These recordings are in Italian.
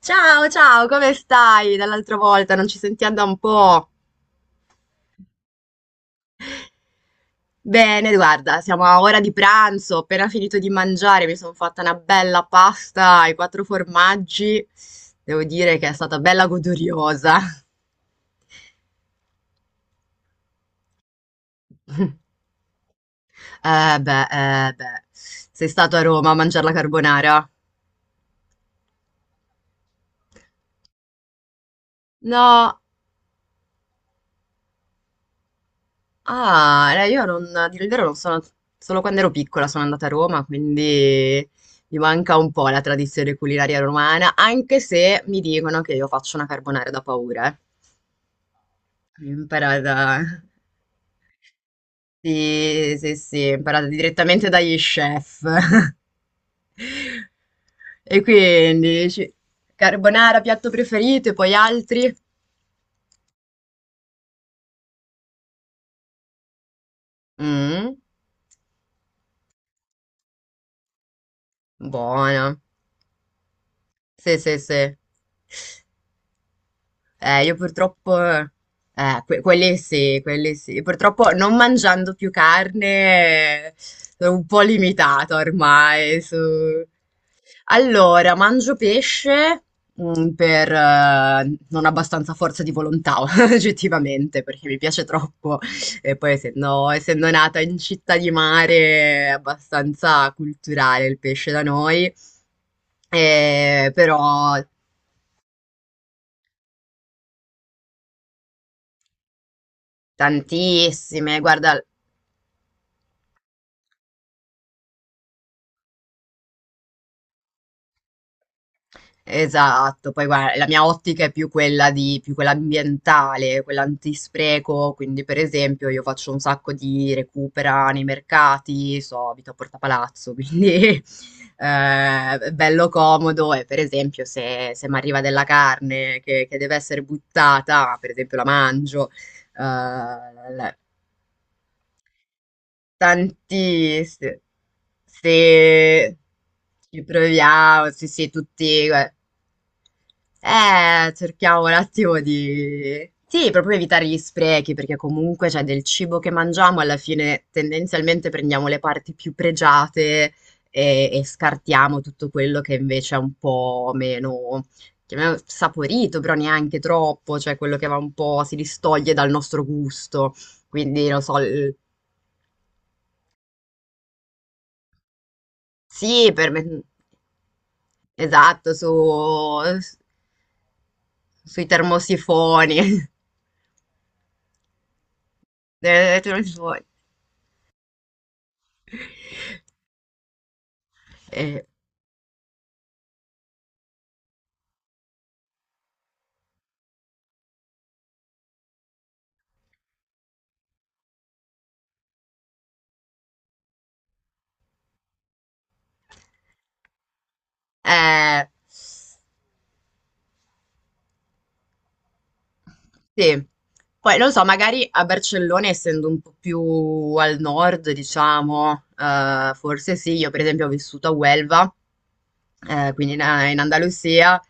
Ciao, ciao, come stai? Dall'altra volta non ci sentiamo da un po'. Bene, guarda, siamo a ora di pranzo, ho appena finito di mangiare, mi sono fatta una bella pasta ai quattro formaggi. Devo dire che è stata bella goduriosa. Eh beh, sei stato a Roma a mangiare la carbonara? No, Ah, io non, a dire il vero non sono, solo quando ero piccola sono andata a Roma, quindi mi manca un po' la tradizione culinaria romana, anche se mi dicono che io faccio una carbonara da paura. Eh. L'ho imparata, sì, sì, sì, imparata direttamente dagli chef. E quindi, dici, carbonara, piatto preferito, e poi altri? Mm, buona. Sì, sì, sì. Io purtroppo, quelli sì, quelli sì. Purtroppo non mangiando più carne, sono un po' limitato ormai. Allora, mangio pesce, per, non abbastanza forza di volontà, oggettivamente, perché mi piace troppo. E poi, essendo nata in città di mare, è abbastanza culturale il pesce da noi. Però. Tantissime, guarda, esatto, poi guarda, la mia ottica è più quella di, più quella ambientale, quella antispreco, quindi per esempio io faccio un sacco di recupera nei mercati, so, abito a Porta Palazzo, quindi è bello comodo e per esempio se mi arriva della carne che deve essere buttata, per esempio la mangio, eh, Tantissimo. Sì, ci proviamo, sì, sì, tutti, guarda. Cerchiamo un attimo di... Sì, proprio evitare gli sprechi, perché comunque c'è del cibo che mangiamo, alla fine tendenzialmente prendiamo le parti più pregiate e scartiamo tutto quello che invece è un po' meno, chiamiamolo saporito, però neanche troppo, cioè quello che va un po', si distoglie dal nostro gusto. Quindi, non so. Sì, per me. Esatto, sui termosifoni. Termosifoni. Eh, eh, Sì, poi non so, magari a Barcellona, essendo un po' più al nord, diciamo, forse sì, io per esempio ho vissuto a Huelva, quindi in Andalusia,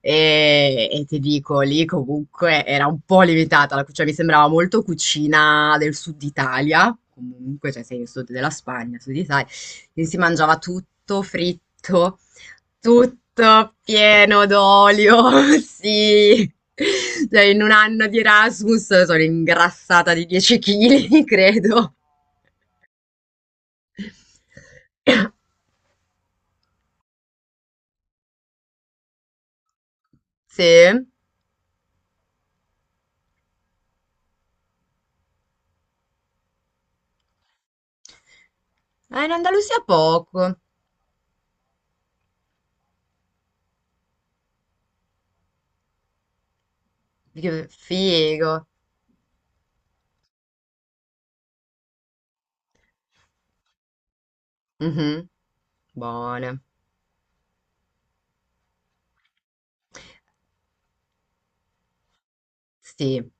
e ti dico, lì comunque era un po' limitata, cioè mi sembrava molto cucina del sud Italia, comunque, cioè sei nel sud della Spagna, sud Italia, quindi si mangiava tutto fritto, tutto pieno d'olio, sì. Cioè in un anno di Erasmus sono ingrassata di 10 chili, credo. Sì? In Andalusia poco. Che figo. Mhm. Buone. Sì.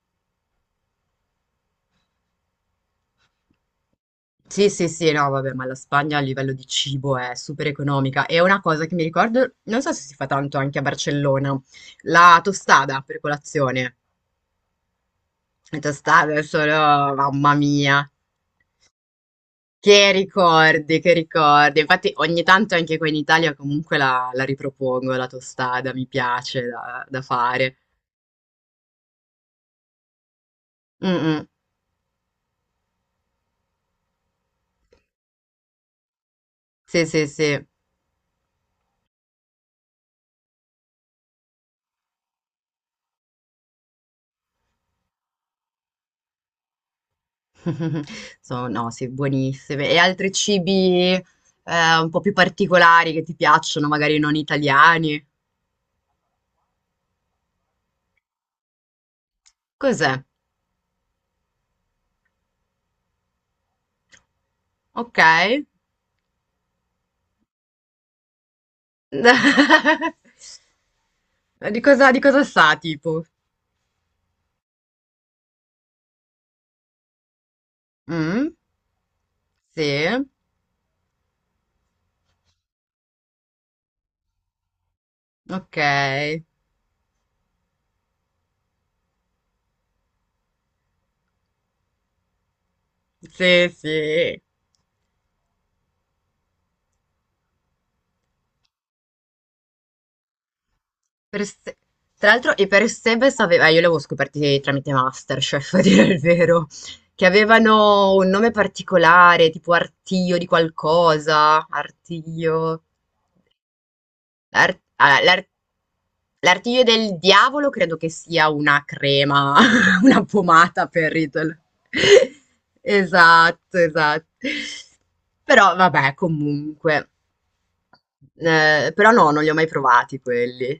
Sì, sì, sì, no, vabbè, ma la Spagna a livello di cibo è super economica. E una cosa che mi ricordo, non so se si fa tanto anche a Barcellona, la tostada per colazione. Tostate solo, mamma mia, che ricordi, che ricordi. Infatti ogni tanto anche qua in Italia comunque la ripropongo, la tostada, mi piace da fare. Mm, mm. Sì, sì, sì. Sono, no, sì, buonissime. E altri cibi un po' più particolari che ti piacciono, magari non italiani? Cos'è? Ok. Di cosa sa, tipo? Mm? Sì, ok. Sì, sì. Per Se- Tra l'altro, e per Sebes aveva, io li avevo scoperti tramite Masterchef, a dire il vero, che avevano un nome particolare, tipo Artio di qualcosa, Artio, Ah, l'Artio del diavolo credo che sia una crema, una pomata per Riddle. Esatto, esatto. Però vabbè, comunque. Però no, non li ho mai provati quelli.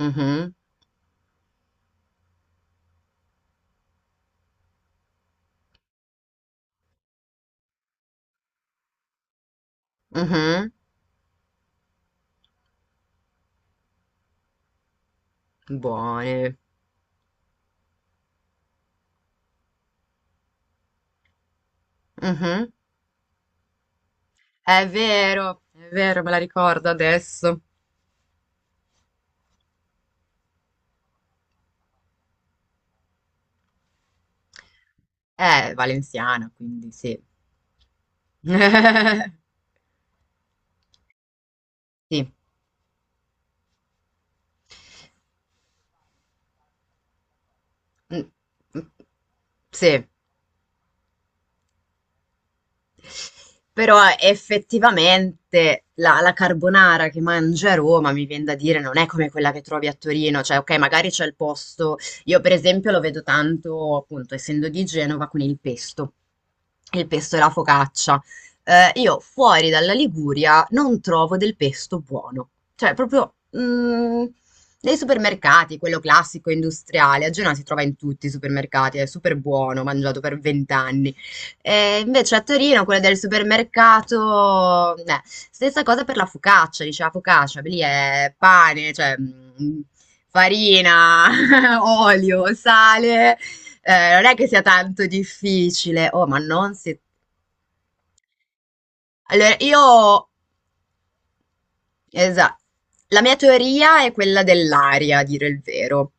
Mhm, mhm. Buone. Mhm. È vero, me la ricordo adesso. È valenziana, quindi sì. Sì. Mm, mm, Sì. Però effettivamente la carbonara che mangi a Roma, mi vien da dire, non è come quella che trovi a Torino, cioè ok, magari c'è il posto, io per esempio lo vedo tanto, appunto, essendo di Genova, con il pesto e la focaccia. Io fuori dalla Liguria non trovo del pesto buono, cioè proprio nei supermercati, quello classico industriale, a Genova si trova in tutti i supermercati, è super buono, mangiato per 20 anni e invece a Torino, quella del supermercato, stessa cosa per la focaccia, dice la focaccia, lì è pane, cioè farina, olio, sale, non è che sia tanto difficile. Oh, ma non si... Allora, io Esa la mia teoria è quella dell'aria, a dire il vero.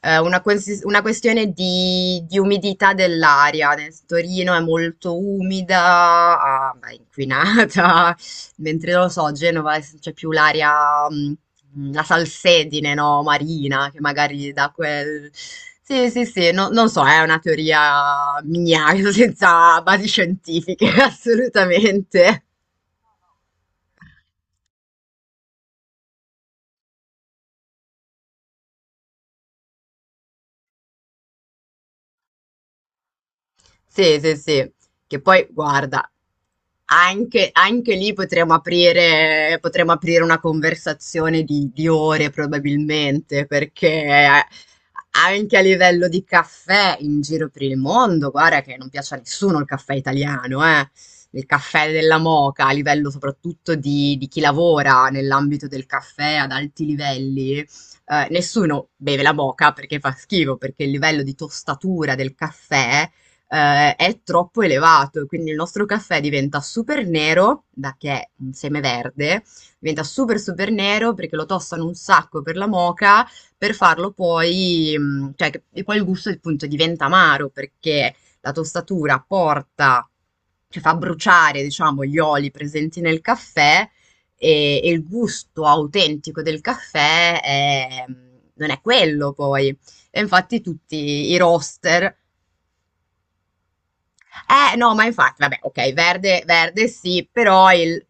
È una questione di umidità dell'aria. Torino è molto umida, ah, è inquinata, mentre non lo so, Genova c'è più l'aria, la salsedine, no, marina, che magari dà quel... Sì, sì, sì, non so, è una teoria mia, senza basi scientifiche, assolutamente. Sì, sì, sì. Che poi, guarda, anche lì potremmo aprire, una conversazione di ore probabilmente, perché anche a livello di caffè in giro per il mondo, guarda che non piace a nessuno il caffè italiano, eh. Il caffè della moka, a livello soprattutto di chi lavora nell'ambito del caffè ad alti livelli, nessuno beve la moka perché fa schifo, perché il livello di tostatura del caffè è troppo elevato, e quindi il nostro caffè diventa super nero, da che è un seme verde, diventa super super nero perché lo tostano un sacco per la moka, per farlo poi, cioè, e poi il gusto appunto diventa amaro perché la tostatura porta, cioè fa bruciare, diciamo, gli oli presenti nel caffè e il gusto autentico del caffè non è quello poi. E infatti tutti i roaster eh no, ma infatti, vabbè, okay, verde verde sì, però il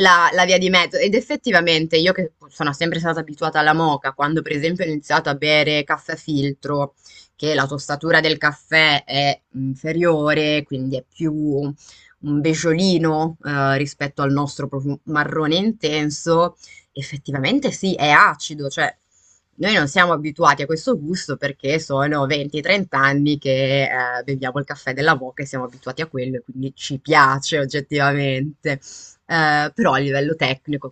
la, la via di mezzo. Ed effettivamente io che sono sempre stata abituata alla moka, quando per esempio ho iniziato a bere caffè filtro, che la tostatura del caffè è inferiore, quindi è più un besciolino rispetto al nostro proprio marrone intenso, effettivamente sì, è acido, cioè noi non siamo abituati a questo gusto perché sono 20-30 anni che beviamo il caffè della moka e siamo abituati a quello, e quindi ci piace oggettivamente. Però a livello tecnico,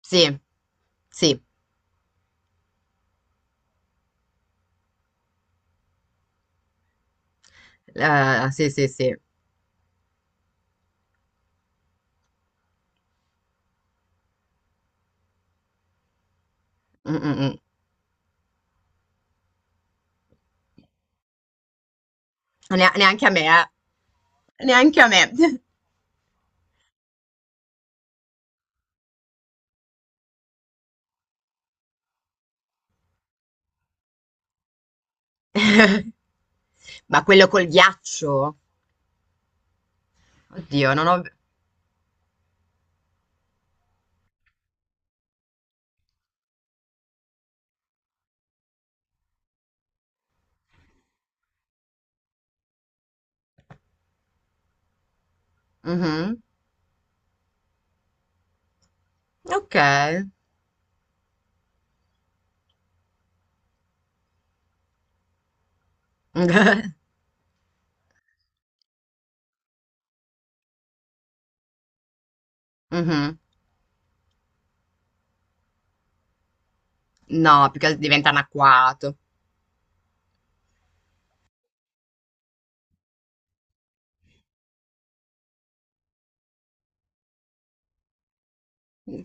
sì, sì, sì, sì, sì. Mm, mm, mm. Neanche a me, eh. Neanche a me. Ma quello col ghiaccio? Oddio, non ho... Mhm. Ok. Mhm. No, più che altro diventa anacquato.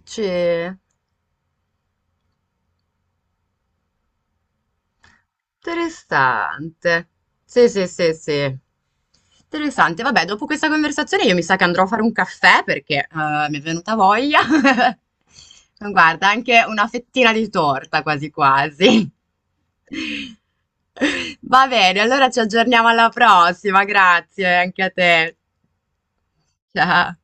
Sì. Interessante. Sì, sì, sì, sì. Interessante. Vabbè, dopo questa conversazione io mi sa che andrò a fare un caffè perché mi è venuta voglia. Guarda, anche una fettina di torta quasi quasi. Va bene, allora ci aggiorniamo alla prossima. Grazie anche a te. Ciao.